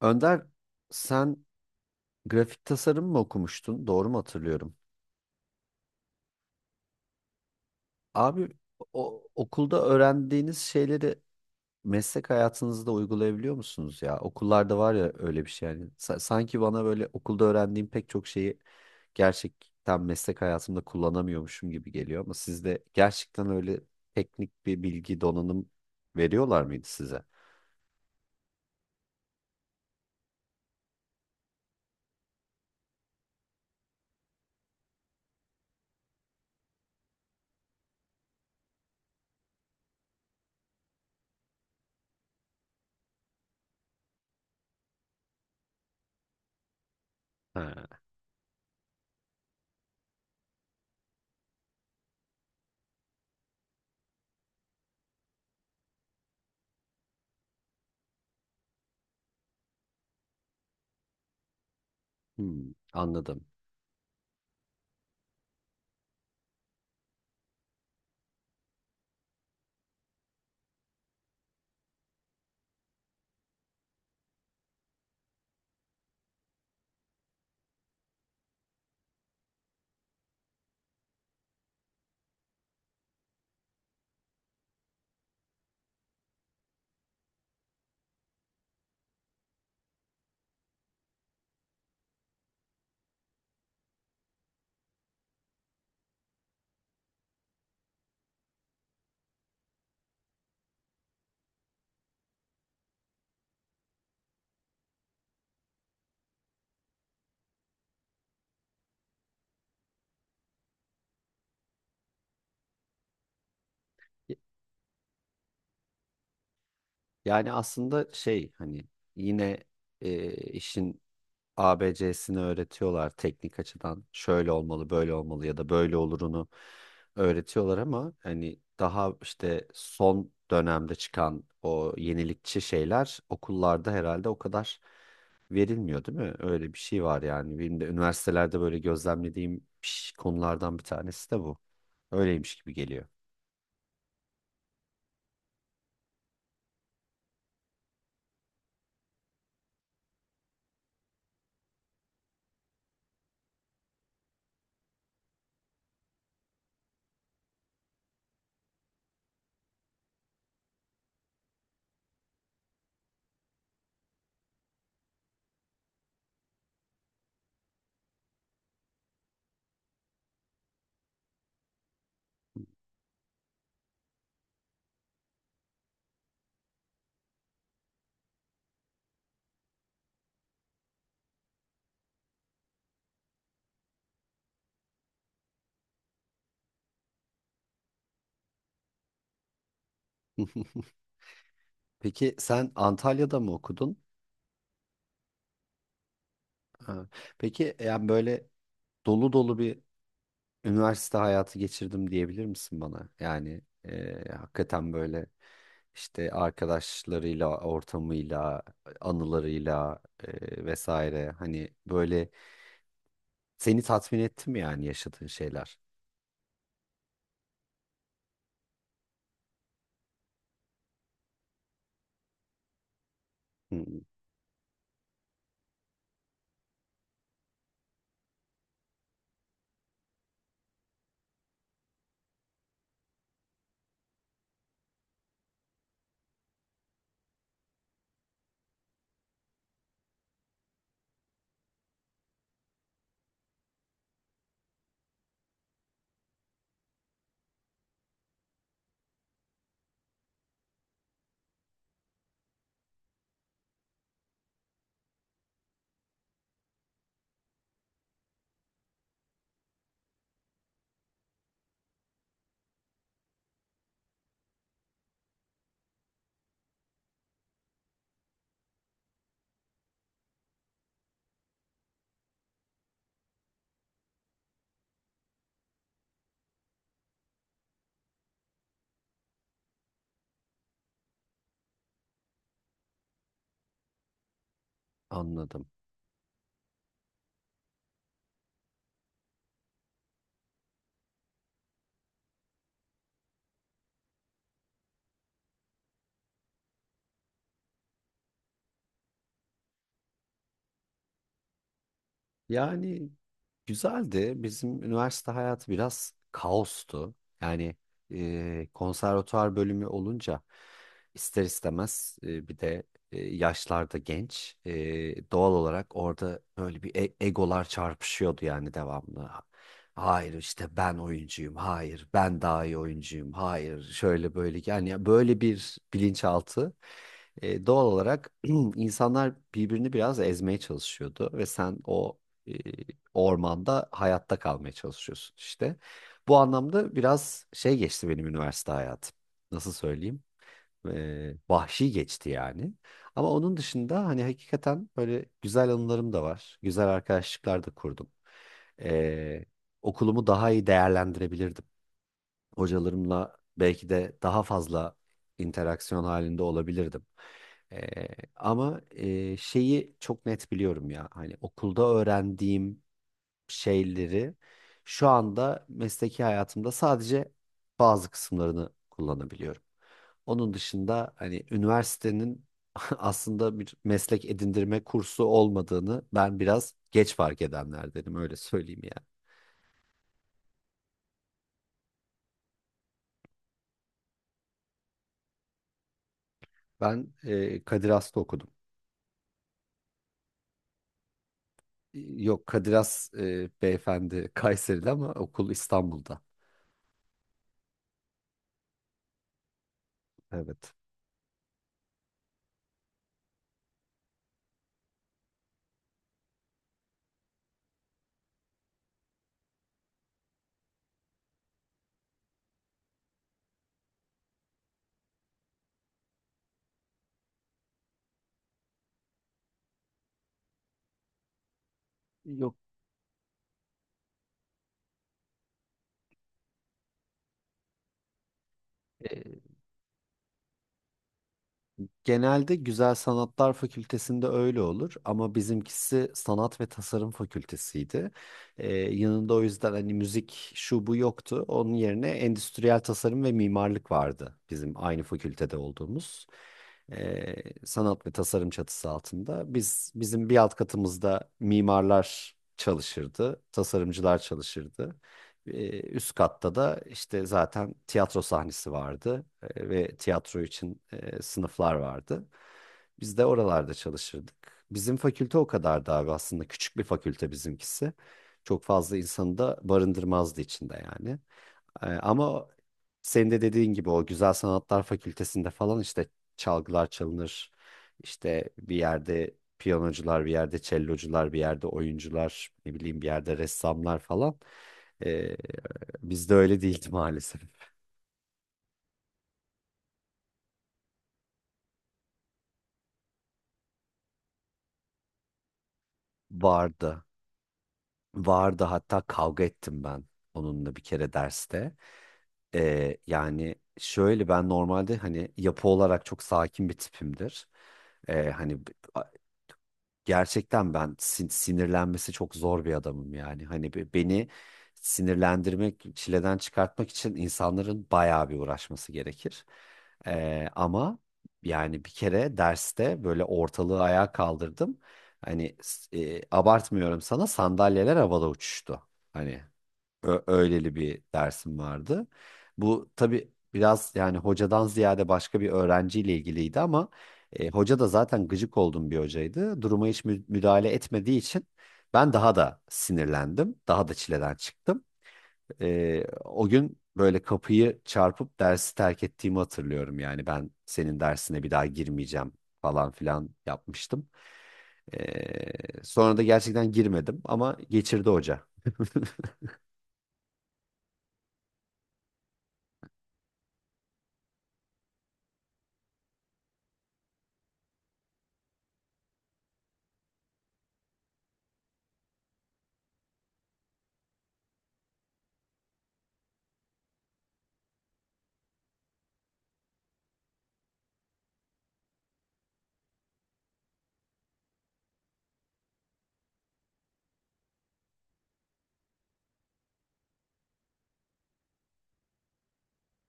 Önder, sen grafik tasarım mı okumuştun? Doğru mu hatırlıyorum? Abi, okulda öğrendiğiniz şeyleri meslek hayatınızda uygulayabiliyor musunuz ya? Okullarda var ya öyle bir şey yani. Sanki bana böyle okulda öğrendiğim pek çok şeyi gerçekten meslek hayatımda kullanamıyormuşum gibi geliyor, ama sizde gerçekten öyle teknik bir bilgi donanım veriyorlar mıydı size? Ha. Hmm, anladım. Y- Yani aslında şey, hani yine işin A B C'sini öğretiyorlar teknik açıdan. Şöyle olmalı, böyle olmalı, ya da böyle olurunu öğretiyorlar, ama hani daha işte son dönemde çıkan o yenilikçi şeyler okullarda herhalde o kadar verilmiyor, değil mi? Öyle bir şey var yani. Benim de üniversitelerde böyle gözlemlediğim konulardan bir tanesi de bu. Öyleymiş gibi geliyor. Peki sen Antalya'da mı okudun? Ha. Peki yani böyle dolu dolu bir üniversite hayatı geçirdim diyebilir misin bana? Yani hakikaten böyle işte arkadaşlarıyla, ortamıyla, anılarıyla vesaire, hani böyle seni tatmin etti mi yani yaşadığın şeyler? Hı, anladım. Yani güzeldi. Bizim üniversite hayatı biraz kaostu. Yani konservatuar bölümü olunca ister istemez bir de yaşlarda genç. Doğal olarak orada böyle bir egolar çarpışıyordu yani devamlı. Hayır işte ben oyuncuyum. Hayır ben daha iyi oyuncuyum. Hayır şöyle böyle, yani böyle bir bilinçaltı. Doğal olarak insanlar birbirini biraz ezmeye çalışıyordu ve sen o ormanda hayatta kalmaya çalışıyorsun işte. Bu anlamda biraz şey geçti benim üniversite hayatım. Nasıl söyleyeyim? Vahşi geçti yani. Ama onun dışında hani hakikaten böyle güzel anılarım da var. Güzel arkadaşlıklar da kurdum. Ee, Okulumu daha iyi değerlendirebilirdim. Hocalarımla belki de daha fazla interaksiyon halinde olabilirdim. Ee, Ama şeyi çok net biliyorum ya, hani okulda öğrendiğim şeyleri şu anda mesleki hayatımda sadece bazı kısımlarını kullanabiliyorum. Onun dışında hani üniversitenin aslında bir meslek edindirme kursu olmadığını ben biraz geç fark edenlerdenim, öyle söyleyeyim yani. Ben Kadir Has'ta okudum. Yok, Kadir Has, beyefendi, Kayseri'de ama okul İstanbul'da. Evet. Yok. Genelde Güzel Sanatlar Fakültesi'nde öyle olur ama bizimkisi Sanat ve Tasarım Fakültesiydi. Yanında o yüzden hani müzik şu bu yoktu. Onun yerine Endüstriyel Tasarım ve Mimarlık vardı bizim aynı fakültede olduğumuz. Ee, Sanat ve tasarım çatısı altında. Bizim bir alt katımızda mimarlar çalışırdı, tasarımcılar çalışırdı. Üst katta da işte zaten tiyatro sahnesi vardı, ve tiyatro için sınıflar vardı. Biz de oralarda çalışırdık. Bizim fakülte o kadardı abi, aslında küçük bir fakülte bizimkisi. Çok fazla insanı da barındırmazdı içinde yani. Ama senin de dediğin gibi o Güzel Sanatlar Fakültesinde falan işte çalgılar çalınır. İşte bir yerde piyanocular, bir yerde cellocular, bir yerde oyuncular, ne bileyim bir yerde ressamlar falan. Ee, Bizde öyle değildi maalesef. Vardı. Vardı, hatta kavga ettim ben onunla bir kere derste. Yani şöyle, ben normalde hani yapı olarak çok sakin bir tipimdir. Hani gerçekten ben sinirlenmesi çok zor bir adamım yani. Hani beni sinirlendirmek, çileden çıkartmak için insanların bayağı bir uğraşması gerekir. Ama yani bir kere derste böyle ortalığı ayağa kaldırdım. Hani abartmıyorum, sana sandalyeler havada uçuştu. Hani öyleli bir dersim vardı. Bu tabii biraz yani hocadan ziyade başka bir öğrenciyle ilgiliydi, ama hoca da zaten gıcık olduğum bir hocaydı. Duruma hiç müdahale etmediği için ben daha da sinirlendim. Daha da çileden çıktım. O gün böyle kapıyı çarpıp dersi terk ettiğimi hatırlıyorum. Yani ben senin dersine bir daha girmeyeceğim falan filan yapmıştım. Sonra da gerçekten girmedim, ama geçirdi hoca.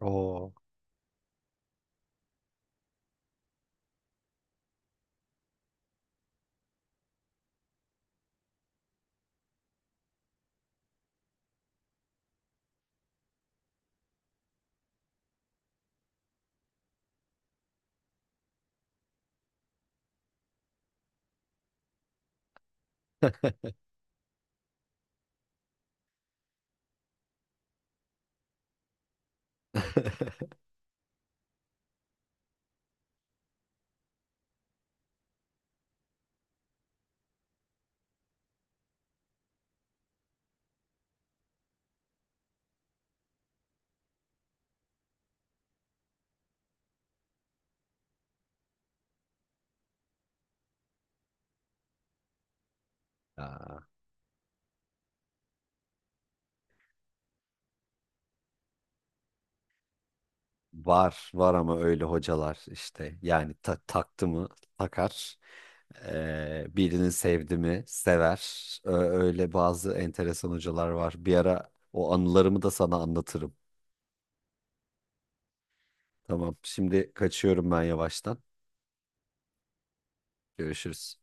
Oo. Aa, var var, ama öyle hocalar işte yani, taktı mı takar. Birini sevdi mi sever. Ö- Öyle bazı enteresan hocalar var. Bir ara o anılarımı da sana anlatırım. Tamam, şimdi kaçıyorum ben yavaştan. Görüşürüz.